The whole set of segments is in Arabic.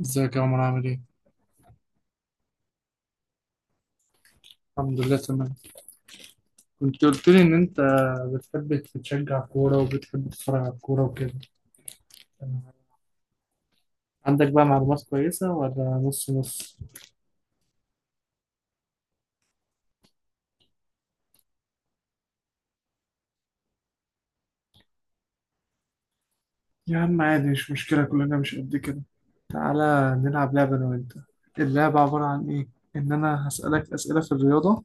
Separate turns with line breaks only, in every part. ازيك يا عمر، عامل ايه؟ الحمد لله تمام. كنت قلت لي ان انت بتحب تشجع كورة وبتحب تتفرج على الكورة وكده. عندك بقى معلومات كويسة ولا نص نص؟ يا عم عادي، مش مشكلة، كلنا مش قد كده. تعالى نلعب لعبة انا وانت. اللعبة عبارة عن ايه؟ ان انا هسألك اسئلة في الرياضة،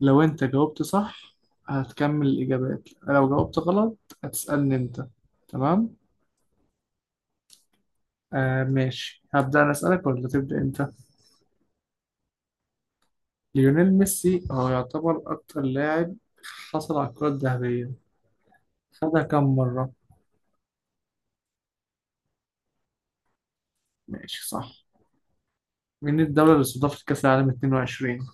لو انت جاوبت صح هتكمل الاجابات، لو جاوبت غلط هتسألني انت. تمام؟ آه ماشي، هبدأ انا اسألك ولا تبدأ انت؟ ليونيل ميسي هو يعتبر أكتر لاعب حصل على الكرة الذهبية. خدها كم مرة؟ ماشي صح. مين الدولة اللي استضافت كأس العالم 22؟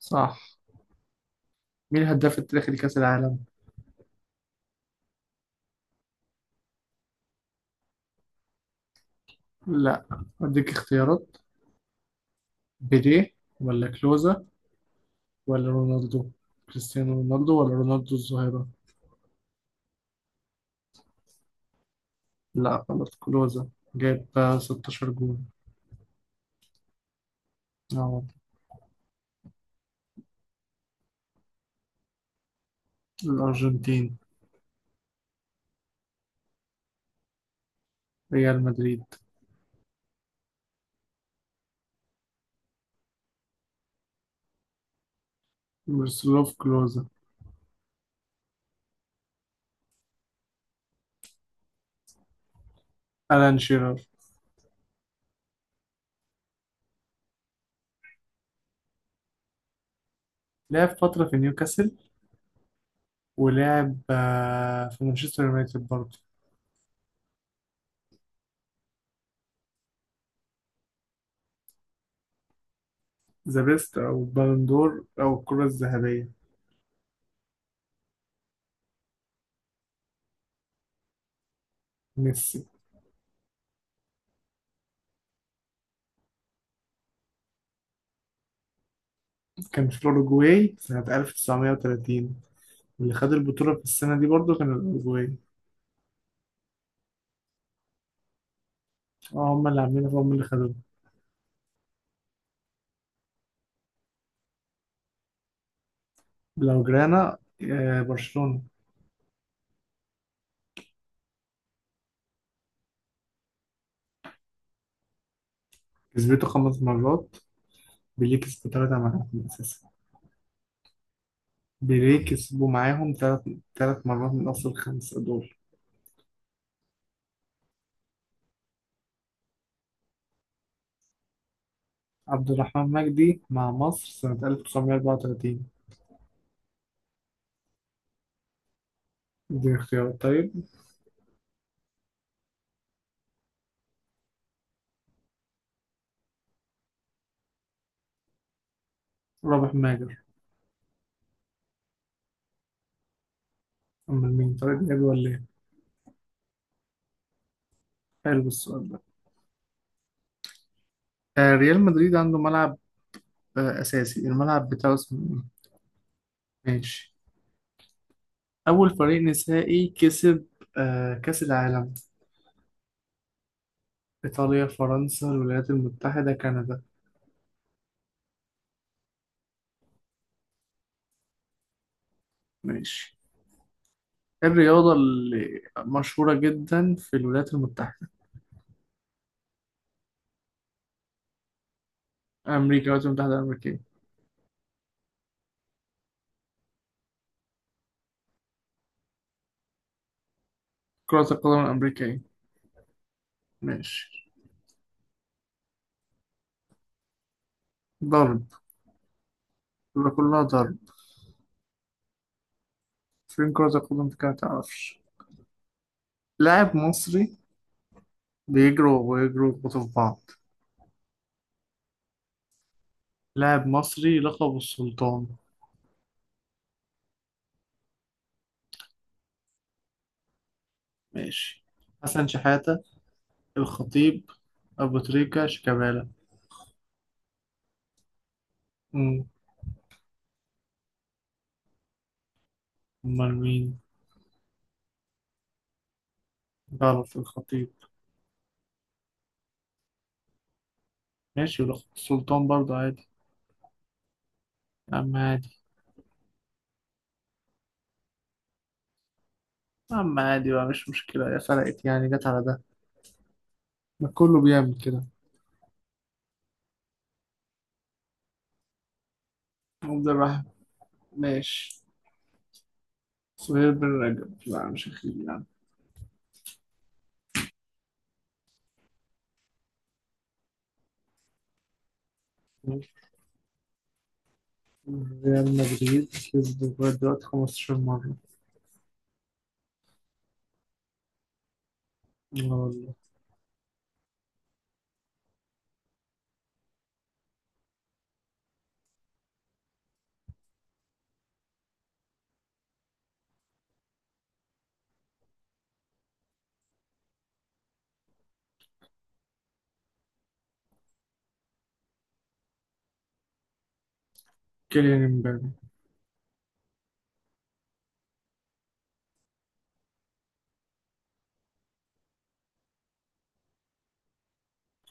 صح. مين الهداف التاريخي لكأس العالم؟ لا، أديك اختيارات. بيليه ولا كلوزا ولا رونالدو، كريستيانو رونالدو ولا رونالدو الظاهرة؟ لا غلط، كلوزا. جاب 16 جول. أهو. الأرجنتين. ريال مدريد. ميروسلاف كلوزا. ألان شيرر. لعب فترة في نيوكاسل، ولعب في مانشستر يونايتد برضه. ذا بيست أو بالندور أو الكرة الذهبية. ميسي. كان في الأوروجواي سنة 1930، اللي خد البطولة في السنة دي برضه كان الأوروجواي. اه، هما اللي عاملينها فهم اللي خدوها. لو جرانا، آه، برشلونة. كسبته 5 مرات. بيليه كسبه تلاتة معاهم أساسا. بيليه كسبوا معاهم تلات مرات من أصل الخمسة دول. عبد الرحمن مجدي مع مصر سنة 1934. دي اختيارات طيب. رابح ماجد. أمال مين، طارق دياب ولا إيه؟ حلو السؤال ده. آه، ريال مدريد عنده ملعب أساسي، الملعب بتاعه اسمه إيه؟ ماشي. أول فريق نسائي كسب كأس العالم. إيطاليا، فرنسا، الولايات المتحدة، كندا. ماشي. إيه الرياضة اللي مشهورة جدا في الولايات المتحدة؟ أمريكا، الولايات المتحدة الأمريكية. كرة القدم الأمريكية. ماشي. ضرب. يبقى كلها ضرب. فين كرة القدم دي كده، متعرفش. لاعب مصري. بيجروا ويجروا يخبطوا في بعض. لاعب مصري، لقب السلطان. ماشي. حسن شحاتة، الخطيب، أبو تريكة، شيكابالا. مم. أمال مين؟ غلط، الخطيب. ماشي، ولقب السلطان برضه عادي. يا عم عادي. يا عم عادي بقى، مش مشكلة، يا فرقت يعني جت على ده. ما كله بيعمل كده. عبد الرحمن. ماشي. سهير بن رجب، لا مش أخير يعني. ريال مدريد كسب لغاية دلوقتي 15 مرة. لا والله. كيليان امبابي.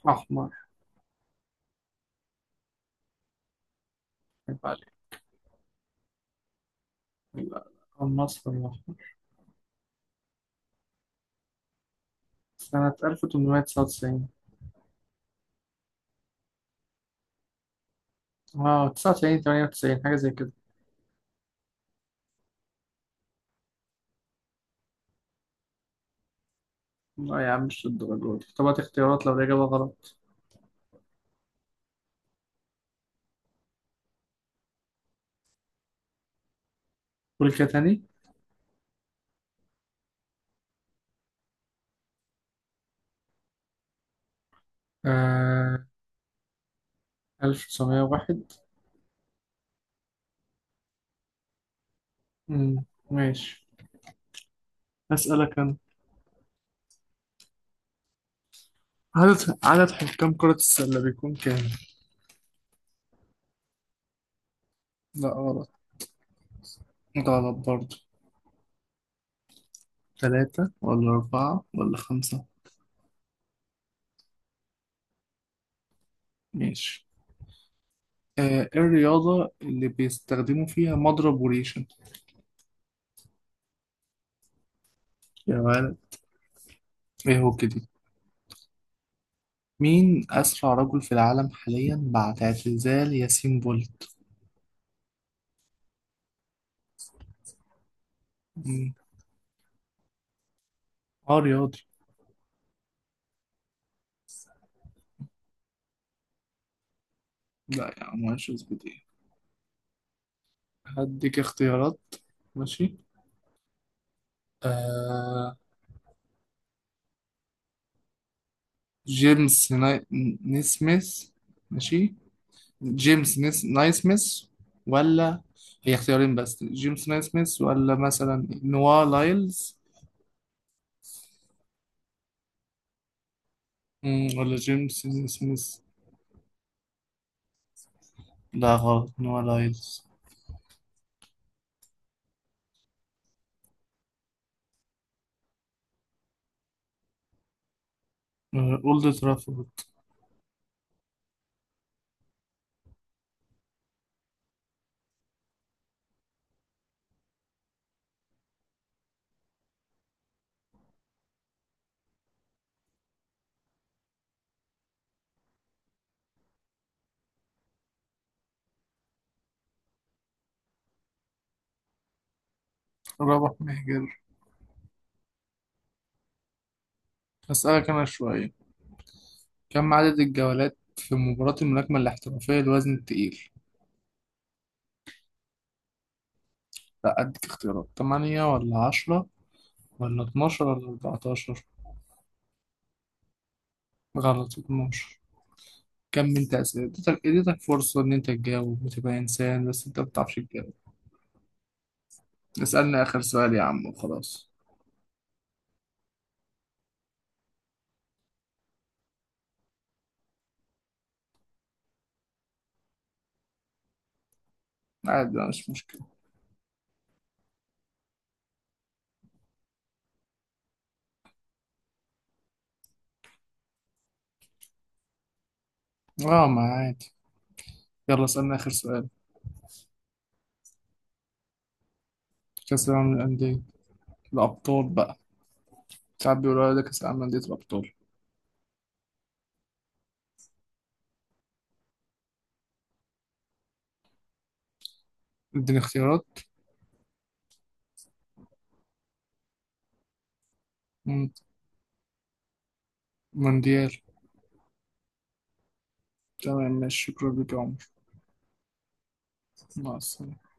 أحمر. يبقى عليك. لا، النصر. سنة 1899. اه، 99، 98، حاجة زي كده. لا يا عم، مش للدرجة دي، طب هات اختيارات لو الإجابة غلط. قول كده تاني. آه، 1901. مم، ماشي. أسألك أنا. عدد حكام كرة السلة بيكون كام؟ لا غلط. غلط برضه. ثلاثة ولا أربعة ولا خمسة. ماشي. آه. إيه الرياضة اللي بيستخدموا فيها مضرب وريشة؟ يا ولد، إيه هو كده. مين أسرع رجل في العالم حاليا بعد اعتزال ياسين بولت؟ مم. اه، رياضي. لا يا عم، مش اثبت ايه. هديك اختيارات. ماشي. آه، جيمس نيسميث. ماشي. جيمس نايسميث. ولا، هي اختيارين بس، جيمس نايسميث ولا مثلا نوا لايلز. ولا جيمس نيسميث. لا غلط، نوا لايلز. آه، أولد ترافورد. رابح مهجر. هسألك أنا شوية. كم عدد الجولات في مباراة الملاكمة الاحترافية للوزن التقيل؟ لا أديك اختيارات، تمانية ولا عشرة ولا اتناشر ولا أربعتاشر. غلط، اتناشر. كم أنت أسئلة، اديتك فرصة إن أنت تجاوب وتبقى إنسان بس أنت مبتعرفش تجاوب. اسألني آخر سؤال يا عم وخلاص. عادي بقى، مش مشكلة. اه ما عادي. يلا اسألني آخر سؤال. كأس العالم للأندية الأبطال بقى. ساعات بيقولوا على ده كأس العالم للأندية الأبطال. اديني اختيارات. مم. مونديال. تمام ماشي، شكرا لك يا عمر. مع السلامة.